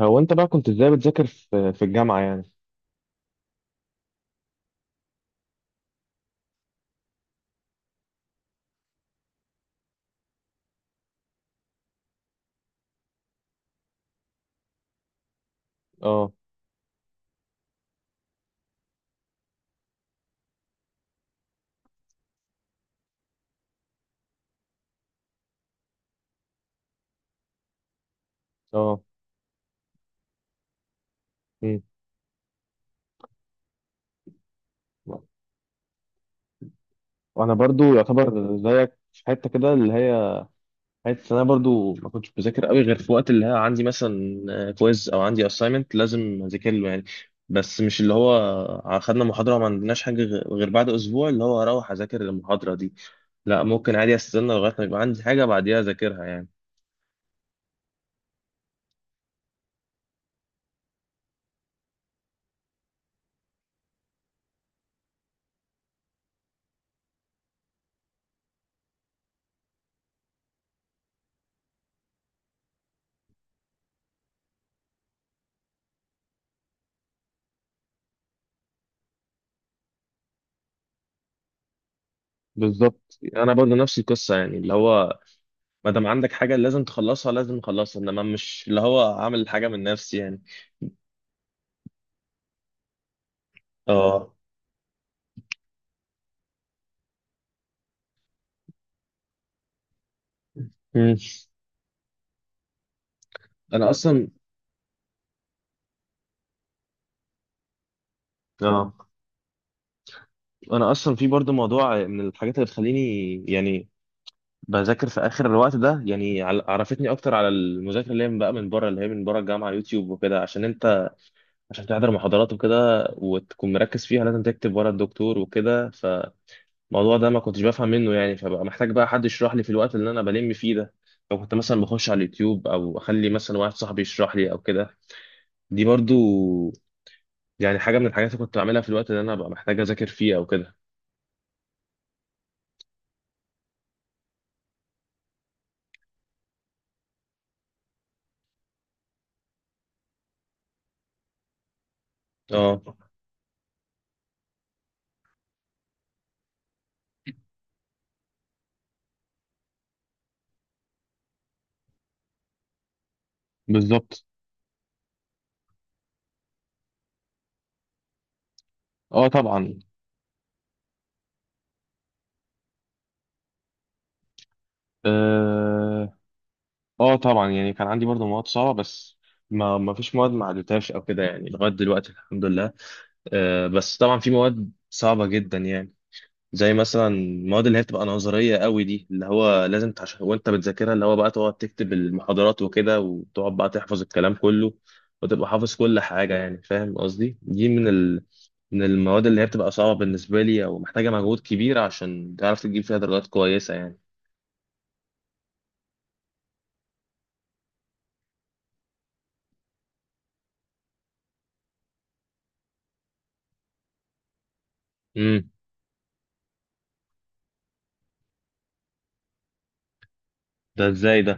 هو انت بقى كنت ازاي بتذاكر في الجامعة يعني؟ اه. اه. مم. وانا برضو يعتبر زيك في حتة كده اللي هي حتة، انا برضو ما كنتش بذاكر قوي غير في وقت اللي هي عندي مثلا كويز او عندي اساينمنت لازم اذاكر له يعني. بس مش اللي هو خدنا محاضرة وما عندناش حاجة غير بعد اسبوع اللي هو هروح اذاكر المحاضرة دي. لا، ممكن عادي استنى لغاية ما يبقى عندي حاجة بعديها اذاكرها يعني. بالظبط، انا برضو نفس القصة يعني اللي هو ما دام عندك حاجة لازم تخلصها لازم تخلصها، انما مش اللي هو عامل حاجة من نفسي يعني. اه. مم. انا اصلا اه انا اصلا في برضه موضوع من الحاجات اللي بتخليني يعني بذاكر في اخر الوقت ده يعني، عرفتني اكتر على المذاكره اللي هي من بقى من بره اللي هي من بره الجامعه، يوتيوب وكده، عشان انت عشان تحضر محاضرات وكده وتكون مركز فيها لازم تكتب ورا الدكتور وكده. الموضوع ده ما كنتش بفهم منه يعني، فبقى محتاج بقى حد يشرح لي في الوقت اللي انا بلم فيه ده، فكنت مثلا بخش على اليوتيوب او اخلي مثلا واحد صاحبي يشرح لي او كده. دي برضو يعني حاجه من الحاجات اللي كنت بعملها في الوقت اللي انا ببقى محتاج اذاكر فيه او كده. اه. بالظبط. اه، طبعا. اه. آه طبعا يعني كان عندي برضو مواد صعبه، بس ما فيش مواد ما عدتهاش او كده يعني، لغايه دلوقتي الحمد لله. آه بس طبعا في مواد صعبه جدا يعني، زي مثلا المواد اللي هي بتبقى نظريه قوي دي، اللي هو لازم وانت بتذاكرها اللي هو بقى تقعد تكتب المحاضرات وكده، وتقعد بقى تحفظ الكلام كله وتبقى حافظ كل حاجه يعني، فاهم قصدي؟ دي من المواد اللي هي بتبقى صعبه بالنسبه لي او محتاجه مجهود كبير عشان تعرف تجيب فيها درجات كويسه يعني. امم. ده ازاي ده؟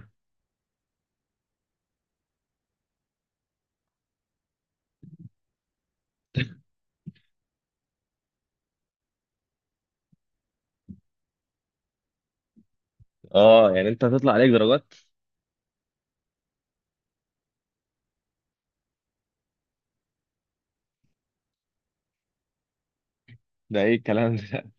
اه، يعني انت هتطلع عليك درجات. ده ايه الكلام ده؟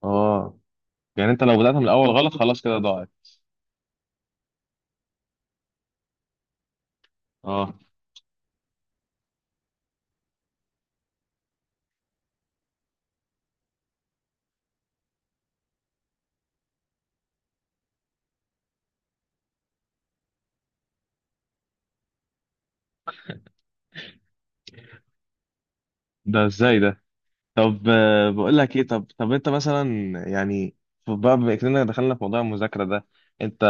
اه، يعني انت لو بدأت من الاول غلط خلاص كده ضاعت. اه. ده ازاي ده؟ طب بقول لك ايه، طب انت مثلا يعني بقى بما اننا دخلنا في موضوع المذاكره ده، انت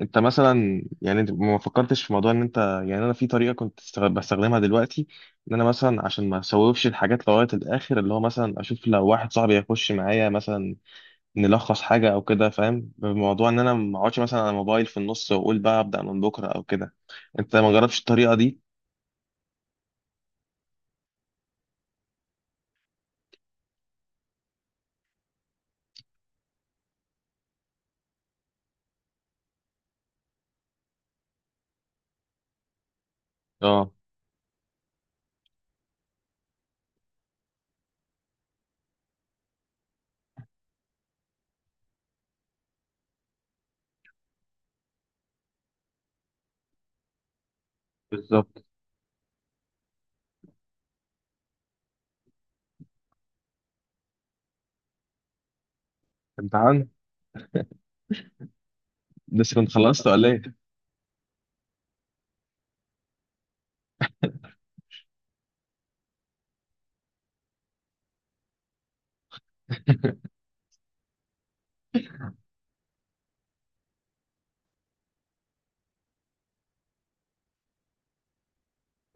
انت مثلا يعني انت ما فكرتش في موضوع ان انت يعني انا في طريقه كنت بستخدمها دلوقتي، ان انا مثلا عشان ما اسوفش الحاجات لغايه الاخر اللي هو مثلا اشوف لو واحد صاحبي هيخش معايا مثلا نلخص حاجه او كده، فاهم؟ بموضوع ان انا ما اقعدش مثلا على الموبايل في النص واقول بقى ابدا من بكره او كده. انت ما جربتش الطريقه دي؟ اه. بالظبط. امتحان؟ لسه كنت خلصت ولا ايه؟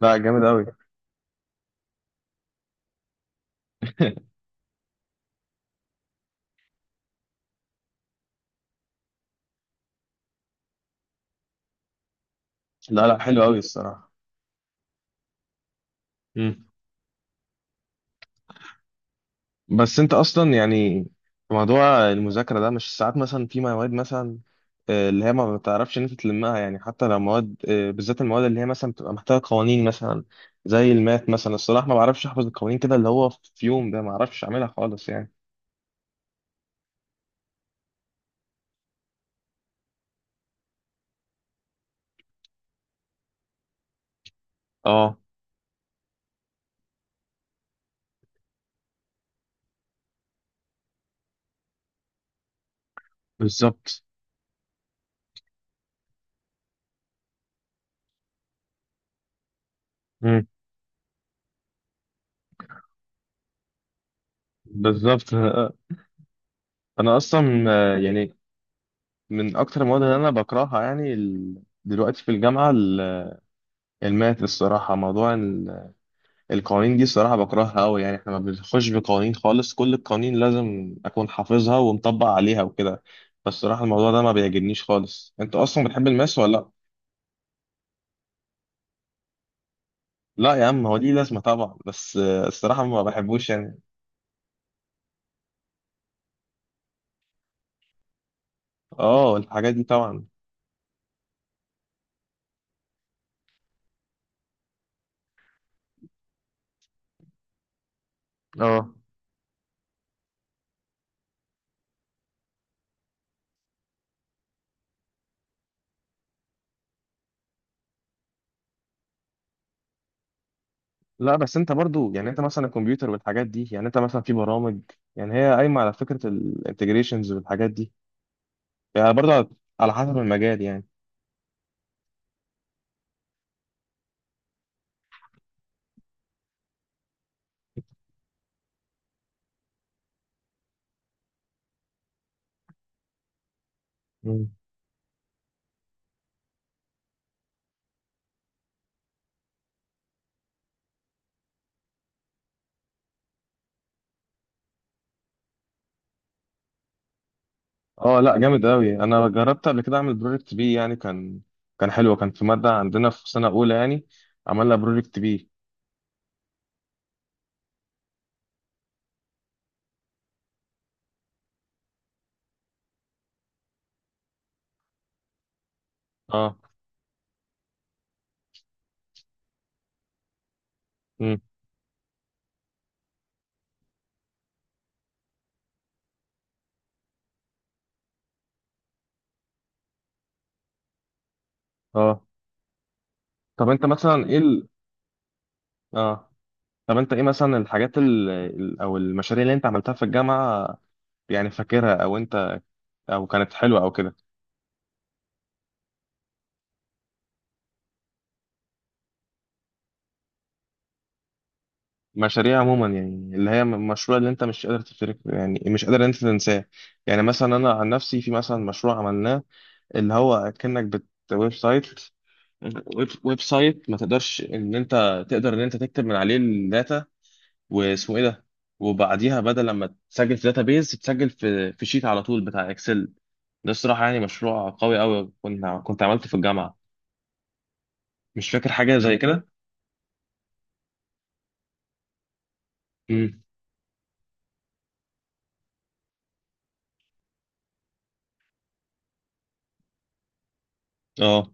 لا، جامد قوي. لا، لا، حلو قوي الصراحه. مم. بس انت اصلا يعني في موضوع المذاكره ده، مش ساعات مثلا في مواد مثلا اللي هي ما بتعرفش ان انت تلمها يعني، حتى لو مواد بالذات المواد اللي هي مثلا بتبقى محتاجه قوانين مثلا، زي المات مثلا الصراحه ما بعرفش احفظ القوانين كده اللي هو في يوم ده ما اعرفش اعملها خالص يعني. اه. بالظبط. مم. بالظبط. انا اصلا يعني من اكتر المواد اللي انا بكرهها يعني، دلوقتي في الجامعه الماث الصراحه، موضوع القوانين دي الصراحة بكرهها أوي يعني، إحنا ما بنخش بقوانين خالص، كل القوانين لازم أكون حافظها ومطبق عليها وكده، بس الصراحة الموضوع ده ما بيعجبنيش خالص. أنت أصلا بتحب الماس ولا لأ؟ لا يا عم هو ليه لازمة طبعا، بس الصراحة ما بحبوش يعني. أه الحاجات دي طبعا. أه. لا، بس أنت برضو يعني أنت مثلا الكمبيوتر والحاجات دي، يعني أنت مثلا في برامج، يعني هي قايمة على فكرة الانتجريشنز والحاجات دي، يعني برضو على على حسب المجال يعني. اه. لا، جامد قوي، انا جربت قبل كده اعمل بروجكت بي يعني، كان حلو، كان في ماده عندنا في سنه اولى يعني عملنا بروجكت بي. اه. امم. اه. طب انت مثلا ايه اه. طب انت ايه مثلا الحاجات او المشاريع اللي انت عملتها في الجامعه، يعني فاكرها، او انت او كانت حلوه او كده؟ مشاريع عموما يعني اللي هي مشروع اللي انت مش قادر تفتكر يعني، مش قادر انت تنساه، يعني مثلا انا عن نفسي في مثلا مشروع عملناه اللي هو كأنك ويب سايت ويب سايت ما تقدرش ان انت تقدر ان انت تكتب من عليه الداتا، واسمه ايه ده، وبعديها بدل لما تسجل في بيز تسجل في شيت على طول بتاع اكسل. ده الصراحه يعني مشروع قوي قوي كنت عملته في الجامعه، مش فاكر حاجه زي كده. امم. اه.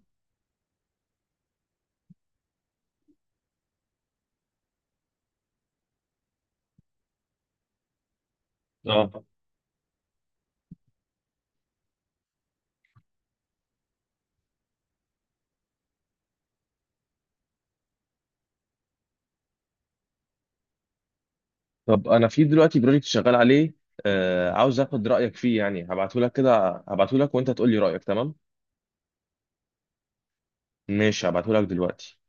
اه. طب انا في دلوقتي بروجكت شغال عليه، عاوز اخد رايك فيه يعني، هبعته لك كده، هبعته لك وانت تقول لي رايك تمام؟ ماشي، هبعته لك دلوقتي.